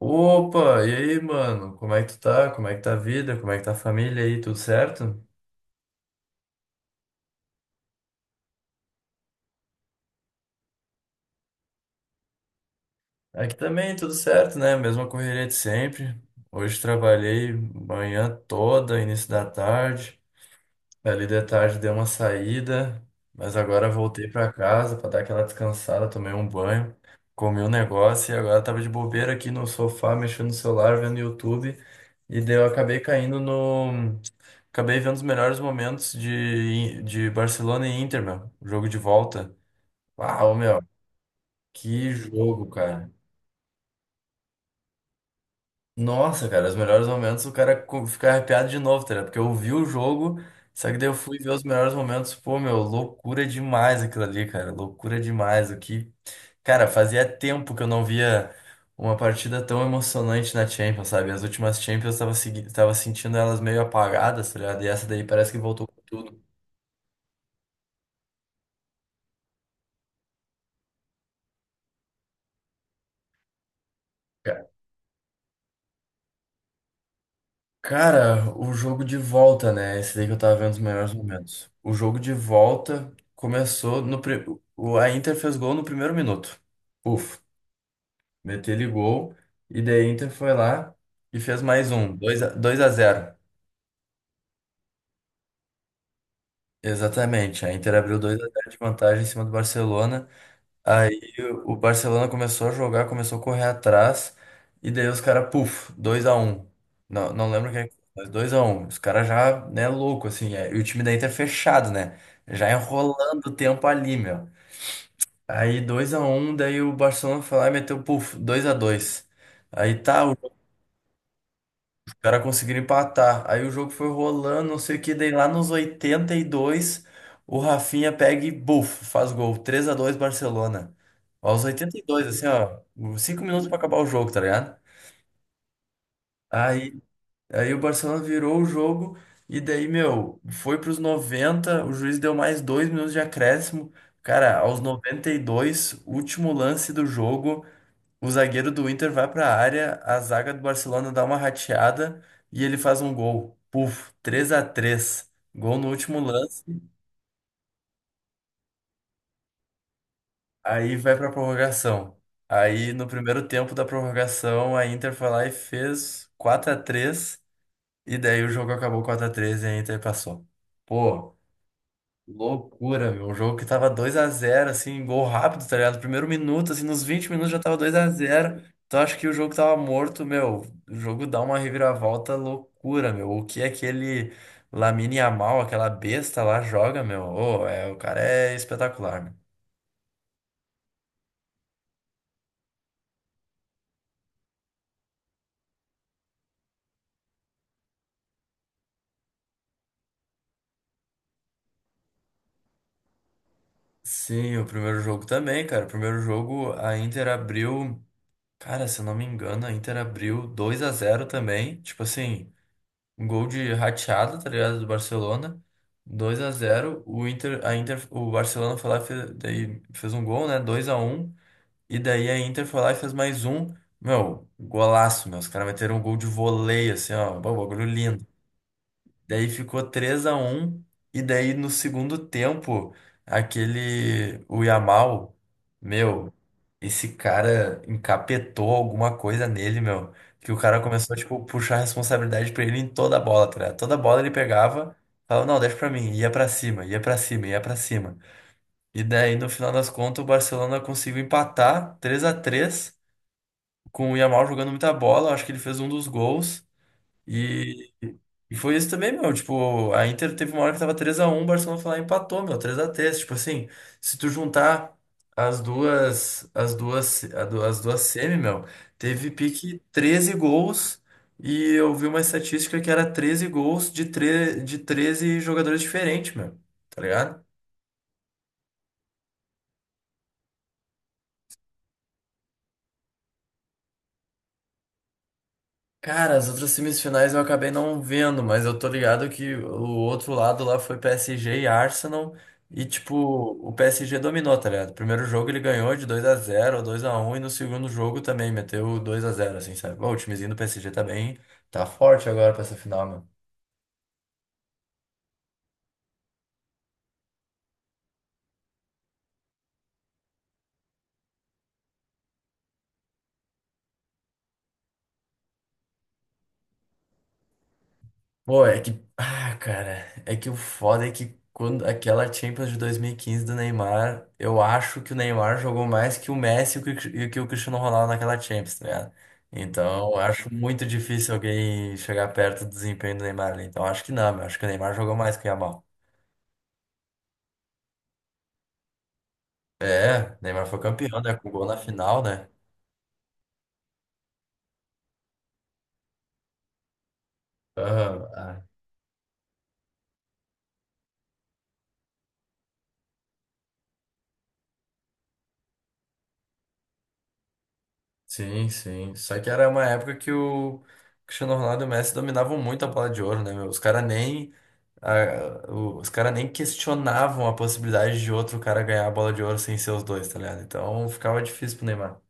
Opa, e aí, mano? Como é que tu tá? Como é que tá a vida? Como é que tá a família aí? Tudo certo? Aqui também, tudo certo, né? Mesma correria de sempre. Hoje trabalhei manhã toda, início da tarde. Ali de tarde dei uma saída, mas agora voltei pra casa pra dar aquela descansada, tomei um banho, comi um negócio e agora tava de bobeira aqui no sofá, mexendo no celular, vendo YouTube. E daí eu acabei caindo no acabei vendo os melhores momentos de Barcelona e Inter, meu. Jogo de volta. Uau, meu. Que jogo, cara. Nossa, cara, os melhores momentos, o cara fica arrepiado de novo, tá ligado? Porque eu vi o jogo, só que daí eu fui ver os melhores momentos. Pô, meu, loucura demais aquilo ali, cara. Loucura demais. O que. Cara, fazia tempo que eu não via uma partida tão emocionante na Champions, sabe? As últimas Champions eu tava sentindo elas meio apagadas, tá ligado? E essa daí parece que voltou com tudo. Cara, o jogo de volta, né? Esse daí que eu tava vendo os melhores momentos. O jogo de volta começou no. pri- o- a Inter fez gol no primeiro minuto. Puf, meteu ele gol. E daí a Inter foi lá e fez mais um. Dois a 2 a 0. Exatamente. A Inter abriu 2 a 0 de vantagem em cima do Barcelona. Aí o Barcelona começou a jogar, começou a correr atrás, e daí os caras, puf, 2-1. Não, não lembro quem, mas 2-1. Os caras já, né, louco, assim, é, e o time da Inter é fechado, né? Já enrolando o tempo ali, meu. Aí 2-1, daí o Barcelona foi lá e meteu, puf, 2-2. Aí tá, o cara conseguiram empatar. Aí o jogo foi rolando, não sei o que, daí lá nos 82, o Rafinha pega e buf, faz gol. 3-2, Barcelona. Aos 82, assim, ó, 5 minutos pra acabar o jogo, tá ligado? Aí, aí o Barcelona virou o jogo e daí, meu, foi pros 90, o juiz deu mais 2 minutos de acréscimo. Cara, aos 92, último lance do jogo, o zagueiro do Inter vai para a área, a zaga do Barcelona dá uma rateada e ele faz um gol. Puf, 3-3. Gol no último lance, aí vai para a prorrogação. Aí no primeiro tempo da prorrogação, a Inter foi lá e fez 4-3 e daí o jogo acabou 4-3 e a Inter passou. Pô, loucura, meu. Um jogo que tava 2-0, assim, gol rápido, tá ligado? Primeiro minuto, assim, nos 20 minutos já tava 2-0. Então acho que o jogo tava morto, meu. O jogo dá uma reviravolta loucura, meu. O que aquele Lamine Yamal, aquela besta lá, joga, meu? Ô, é, o cara é espetacular, meu. Sim, o primeiro jogo também, cara. O primeiro jogo a Inter abriu. Cara, se eu não me engano, a Inter abriu 2-0 também. Tipo assim. Um gol de rateado, tá ligado? Do Barcelona. 2-0. O Inter, a Inter, o Barcelona foi lá e fez, daí fez um gol, né? 2-1. E daí a Inter foi lá e fez mais um. Meu, golaço, meu. Os caras meteram um gol de voleio, assim, ó. Bom, bagulho lindo. Daí ficou 3-1 e daí no segundo tempo, aquele o Yamal, meu, esse cara encapetou alguma coisa nele, meu, que o cara começou tipo puxar a responsabilidade pra ele em toda a bola, tá ligado? Toda bola ele pegava, falava, não, deixa pra mim, ia pra cima, ia pra cima, ia pra cima. E daí no final das contas o Barcelona conseguiu empatar 3-3 com o Yamal jogando muita bola, acho que ele fez um dos gols. E, e foi isso também, meu. Tipo, a Inter teve uma hora que tava 3-1, o Barcelona foi lá e empatou, meu, 3-3. Tipo assim, se tu juntar as duas semi, meu, teve pique 13 gols. E eu vi uma estatística que era 13 gols de 13 jogadores diferentes, meu. Tá ligado? Cara, as outras semifinais eu acabei não vendo, mas eu tô ligado que o outro lado lá foi PSG e Arsenal. E, tipo, o PSG dominou, tá ligado? Primeiro jogo ele ganhou de 2-0, 2-1 e no segundo jogo também meteu 2-0, assim, sabe? Bom, o timezinho do PSG tá bem, tá forte agora pra essa final. Pô, é que. Ah, cara. É que o foda é que quando aquela Champions de 2015 do Neymar, eu acho que o Neymar jogou mais que o Messi e que o Cristiano Ronaldo naquela Champions, tá ligado? Então, eu acho muito difícil alguém chegar perto do desempenho do Neymar ali. Então, eu acho que não, meu. Acho que o Neymar jogou mais que o Yamal. É, o Neymar foi campeão, né? Com gol na final, né? Aham. Ah. Sim, sim. Só que era uma época que o Cristiano Ronaldo e o Messi dominavam muito a bola de ouro, né, meu? Os cara nem questionavam a possibilidade de outro cara ganhar a bola de ouro sem ser os dois, tá ligado? Então ficava difícil pro Neymar.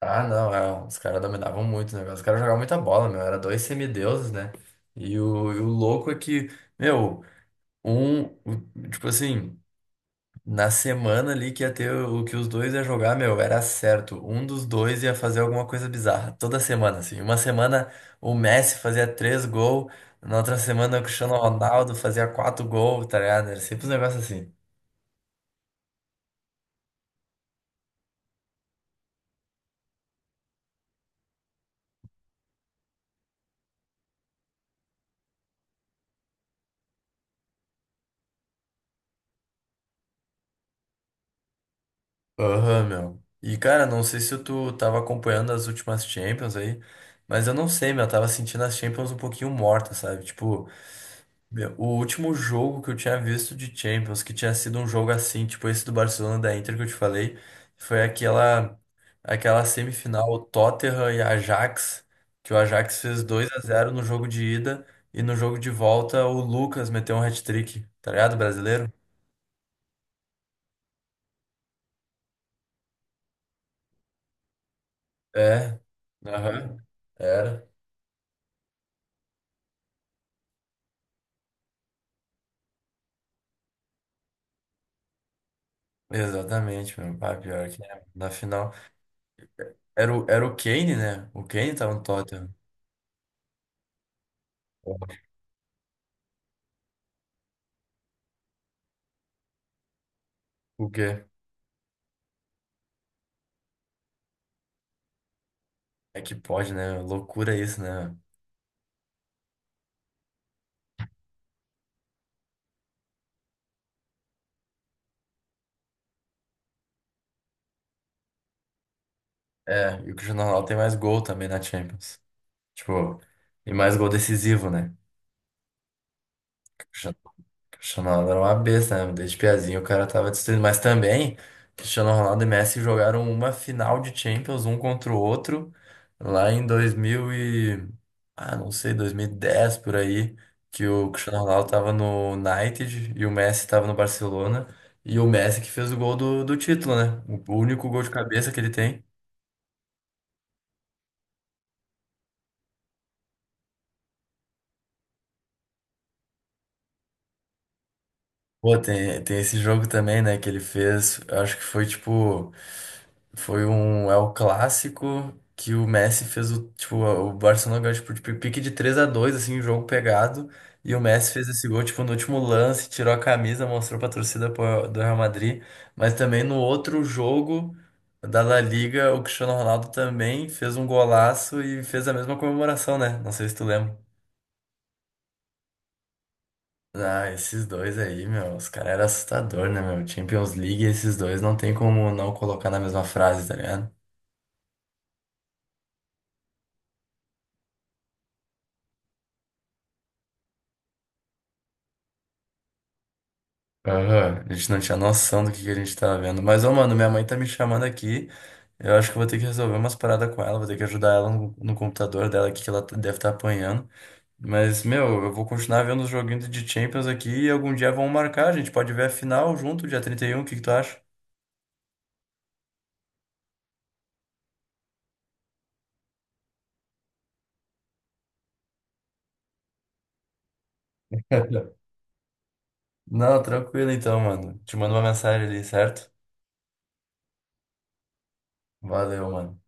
Ah, não, é, os caras dominavam muito o negócio. Os caras jogavam muita bola, meu. Era dois semideuses, né? E o louco é que, meu, tipo assim. Na semana ali que ia ter o que os dois ia jogar, meu, era certo. Um dos dois ia fazer alguma coisa bizarra. Toda semana, assim. Uma semana o Messi fazia três gols, na outra semana o Cristiano Ronaldo fazia quatro gols, tá ligado? Era sempre um negócio assim. Aham, meu. E, cara, não sei se tu tava acompanhando as últimas Champions aí, mas eu não sei, meu. Eu tava sentindo as Champions um pouquinho mortas, sabe? Tipo. Meu, o último jogo que eu tinha visto de Champions, que tinha sido um jogo assim, tipo esse do Barcelona da Inter que eu te falei, foi aquela semifinal Tottenham e Ajax, que o Ajax fez 2-0 no jogo de ida e no jogo de volta o Lucas meteu um hat-trick, tá ligado? Brasileiro? É. Aham. Era. Exatamente, meu. Ah, pior que é. Na final. Era o Kane, né? O Kane tava no Tottenham. O quê? É que pode, né? Loucura isso, né? É, e o Cristiano Ronaldo tem mais gol também na Champions. Tipo, e mais gol decisivo, né? O Cristiano o Cristiano Ronaldo era uma besta, né? Desde piazinho o cara tava destruindo. Mas também, Cristiano Ronaldo e Messi jogaram uma final de Champions, um contra o outro, lá em 2000 e... Ah, não sei, 2010, por aí, que o Cristiano Ronaldo tava no United e o Messi tava no Barcelona. E o Messi que fez o gol do título, né? O único gol de cabeça que ele tem. Pô, tem esse jogo também, né, que ele fez. Eu acho que foi tipo. Foi um. É o clássico que o Messi fez o. Tipo, o Barcelona ganhou, tipo, de pique de 3-2 assim, um jogo pegado. E o Messi fez esse gol, tipo, no último lance, tirou a camisa, mostrou pra torcida pô- do Real Madrid. Mas também no outro jogo da La Liga, o Cristiano Ronaldo também fez um golaço e fez a mesma comemoração, né? Não sei se tu lembra. Ah, esses dois aí, meu, os caras eram assustador, né, meu? Champions League e esses dois não tem como não colocar na mesma frase, tá ligado? Aham, a gente não tinha noção do que a gente tava vendo. Mas, ô, mano, minha mãe tá me chamando aqui. Eu acho que eu vou ter que resolver umas paradas com ela, vou ter que ajudar ela no computador dela aqui, que ela deve estar apanhando. Mas, meu, eu vou continuar vendo os joguinhos de Champions aqui e algum dia vão marcar. A gente pode ver a final junto, dia 31. O que que tu acha? Não, tranquilo então, mano. Te mando uma mensagem ali, certo? Valeu, mano.